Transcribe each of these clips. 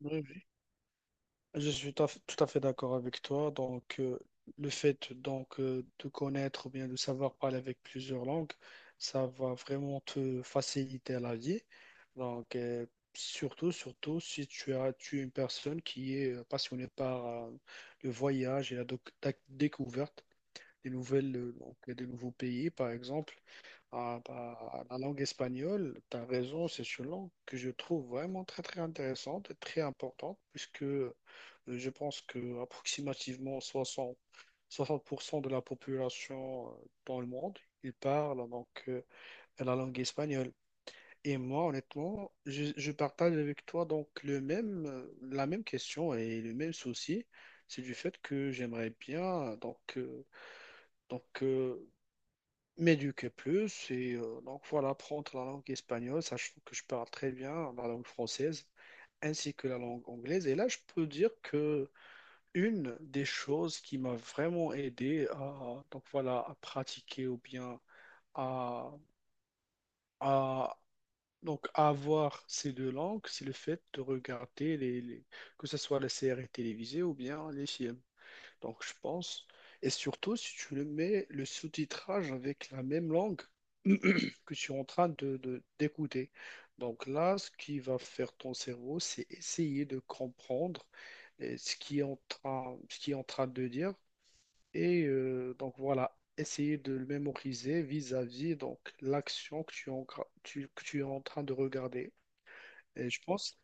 Oui, oui. Je suis tout à fait d'accord avec toi. Le fait de connaître ou bien de savoir parler avec plusieurs langues, ça va vraiment te faciliter la vie. Donc, euh, Surtout si tu es une personne qui est passionnée par le voyage et la découverte des des nouveaux pays, par exemple. Ah, bah, la langue espagnole, tu as raison, c'est une langue que je trouve vraiment très très intéressante et très importante, puisque je pense que approximativement 60% de la population dans le monde, ils parlent la langue espagnole. Et moi, honnêtement, je partage avec toi donc la même question et le même souci, c'est du fait que j'aimerais bien donc, euh, m'éduquer plus. Donc voilà, apprendre la langue espagnole, sachant que je parle très bien la langue française ainsi que la langue anglaise. Et là, je peux dire que une des choses qui m'a vraiment aidé à, donc voilà, à pratiquer ou bien à, à- donc à avoir ces deux langues, c'est le fait de regarder que ce soit les séries télévisées ou bien les films. Donc, je pense. Et surtout, si tu le mets le sous-titrage avec la même langue que tu es en train d'écouter. Donc là, ce qui va faire ton cerveau, c'est essayer de comprendre ce qui est en train, ce qui est en train de dire. Donc voilà, essayer de le mémoriser vis-à-vis donc l'action que tu que tu es en train de regarder. Et je pense,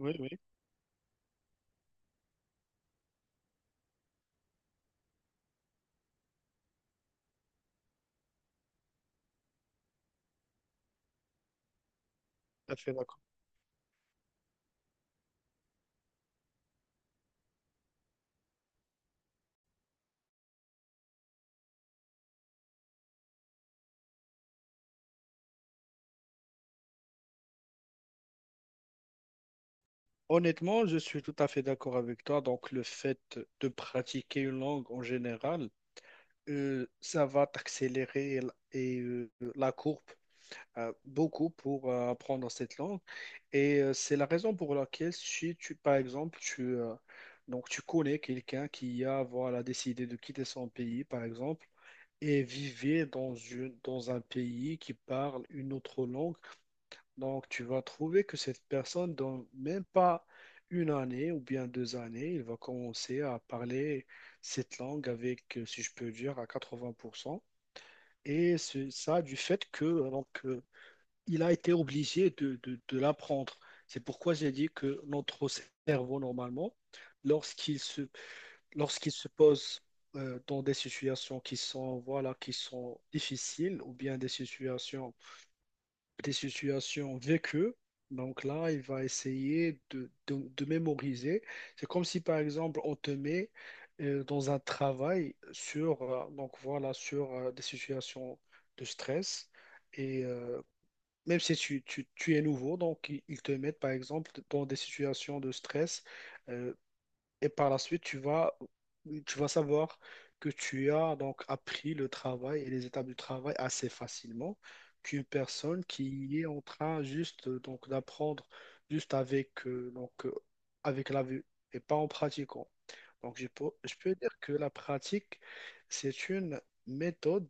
oui, oui, tout à fait. Honnêtement, je suis tout à fait d'accord avec toi. Donc, le fait de pratiquer une langue en général, ça va t'accélérer la courbe beaucoup pour apprendre cette langue. C'est la raison pour laquelle, si tu, par exemple, tu, donc tu connais quelqu'un qui a voilà, décidé de quitter son pays, par exemple, et vivait dans dans un pays qui parle une autre langue, donc, tu vas trouver que cette personne, dans même pas une année ou bien deux années, il va commencer à parler cette langue avec, si je peux dire, à 80%. Et c'est ça du fait que il a été obligé de l'apprendre. C'est pourquoi j'ai dit que notre cerveau, normalement, lorsqu'il se, lorsqu'il se pose dans des situations qui sont, voilà, qui sont difficiles ou bien des situations vécues. Donc là, il va essayer de mémoriser. C'est comme si, par exemple, on te met dans un travail donc voilà, sur des situations de stress. Et euh, Même si tu es nouveau, donc ils te mettent, par exemple, dans des situations de stress euh, et par la suite, tu vas savoir que tu as donc appris le travail et les étapes du travail assez facilement qu'une personne qui est en train juste donc d'apprendre juste avec la vue et pas en pratiquant. Donc je peux dire que la pratique, c'est une méthode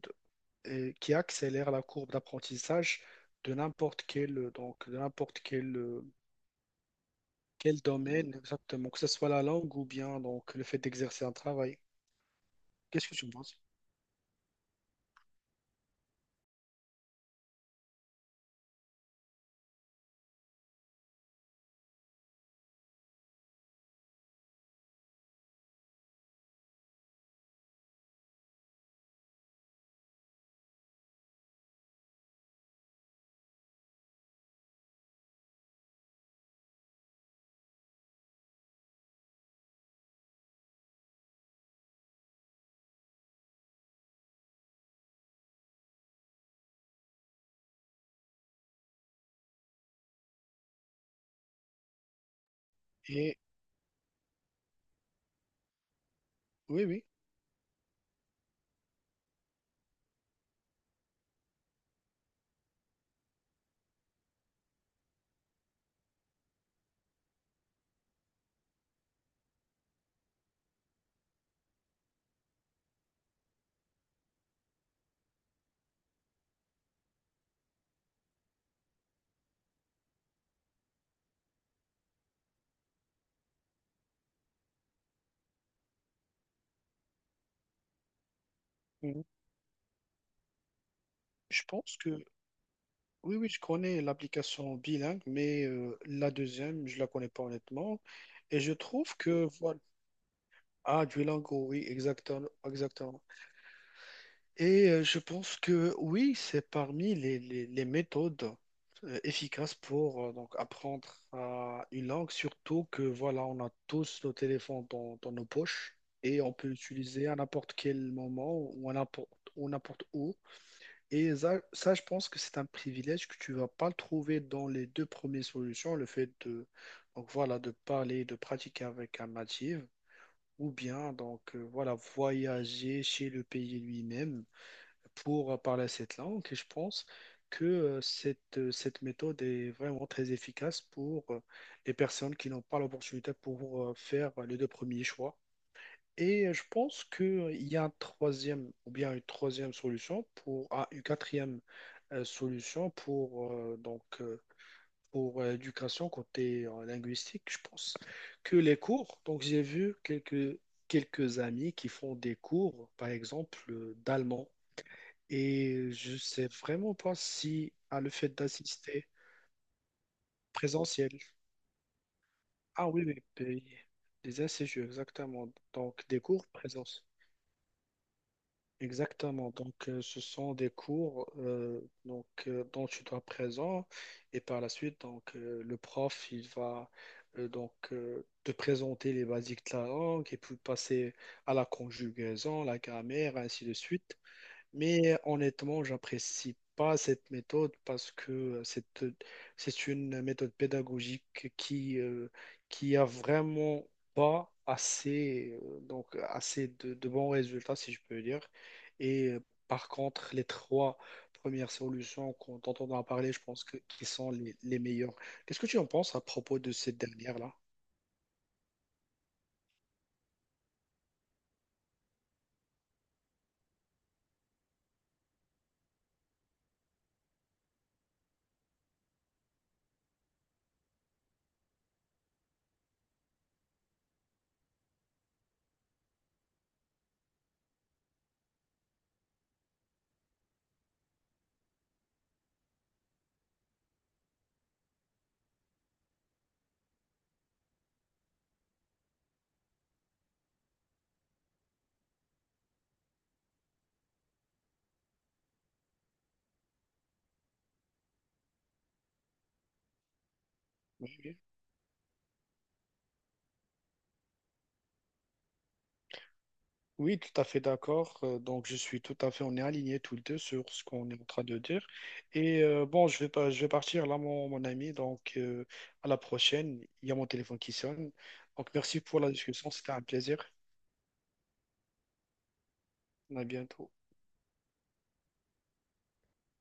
qui accélère la courbe d'apprentissage de n'importe quel donc de n'importe quel domaine exactement, que ce soit la langue ou bien donc le fait d'exercer un travail. Qu'est-ce que tu penses? Et oui, oui, oui, je pense que oui, oui, je connais l'application bilingue, mais la deuxième, je la connais pas honnêtement. Et je trouve que voilà, ah, Duolingo, oui, exactement, exactement. Je pense que oui, c'est parmi les méthodes efficaces pour donc apprendre une langue, surtout que voilà, on a tous nos téléphones dans nos poches et on peut l'utiliser à n'importe quel moment ou à n'importe ou n'importe où. Et je pense que c'est un privilège que tu vas pas le trouver dans les deux premières solutions, le fait de donc voilà de parler, de pratiquer avec un natif, ou bien voilà voyager chez le pays lui-même pour parler cette langue et je pense que cette méthode est vraiment très efficace pour les personnes qui n'ont pas l'opportunité pour faire les deux premiers choix. Je pense qu'il y a un troisième ou bien une troisième solution pour ah, une quatrième solution pour l'éducation côté linguistique. Je pense que les cours, donc j'ai vu quelques amis qui font des cours, par exemple d'allemand. Et je sais vraiment pas si à le fait d'assister présentiel. Ah oui, oui, oui, des ACJU, exactement. Donc des cours présence. Exactement. Ce sont des cours dont tu dois être présent et par la suite le prof il va te présenter les basiques de la langue et puis passer à la conjugaison, la grammaire, ainsi de suite. Mais honnêtement, j'apprécie pas cette méthode parce que c'est une méthode pédagogique qui a vraiment pas assez assez de bons résultats si je peux dire. Et euh, Par contre, les trois premières solutions dont on a parlé, je pense que qui sont les meilleures. Qu'est-ce que tu en penses à propos de cette dernière-là? Oui, oui. Oui, tout à fait d'accord. Donc, je suis tout à fait, on est alignés tous les deux sur ce qu'on est en train de dire. Bon, je vais pas, je vais partir là, mon ami. À la prochaine. Il y a mon téléphone qui sonne. Donc, merci pour la discussion. C'était un plaisir. À bientôt.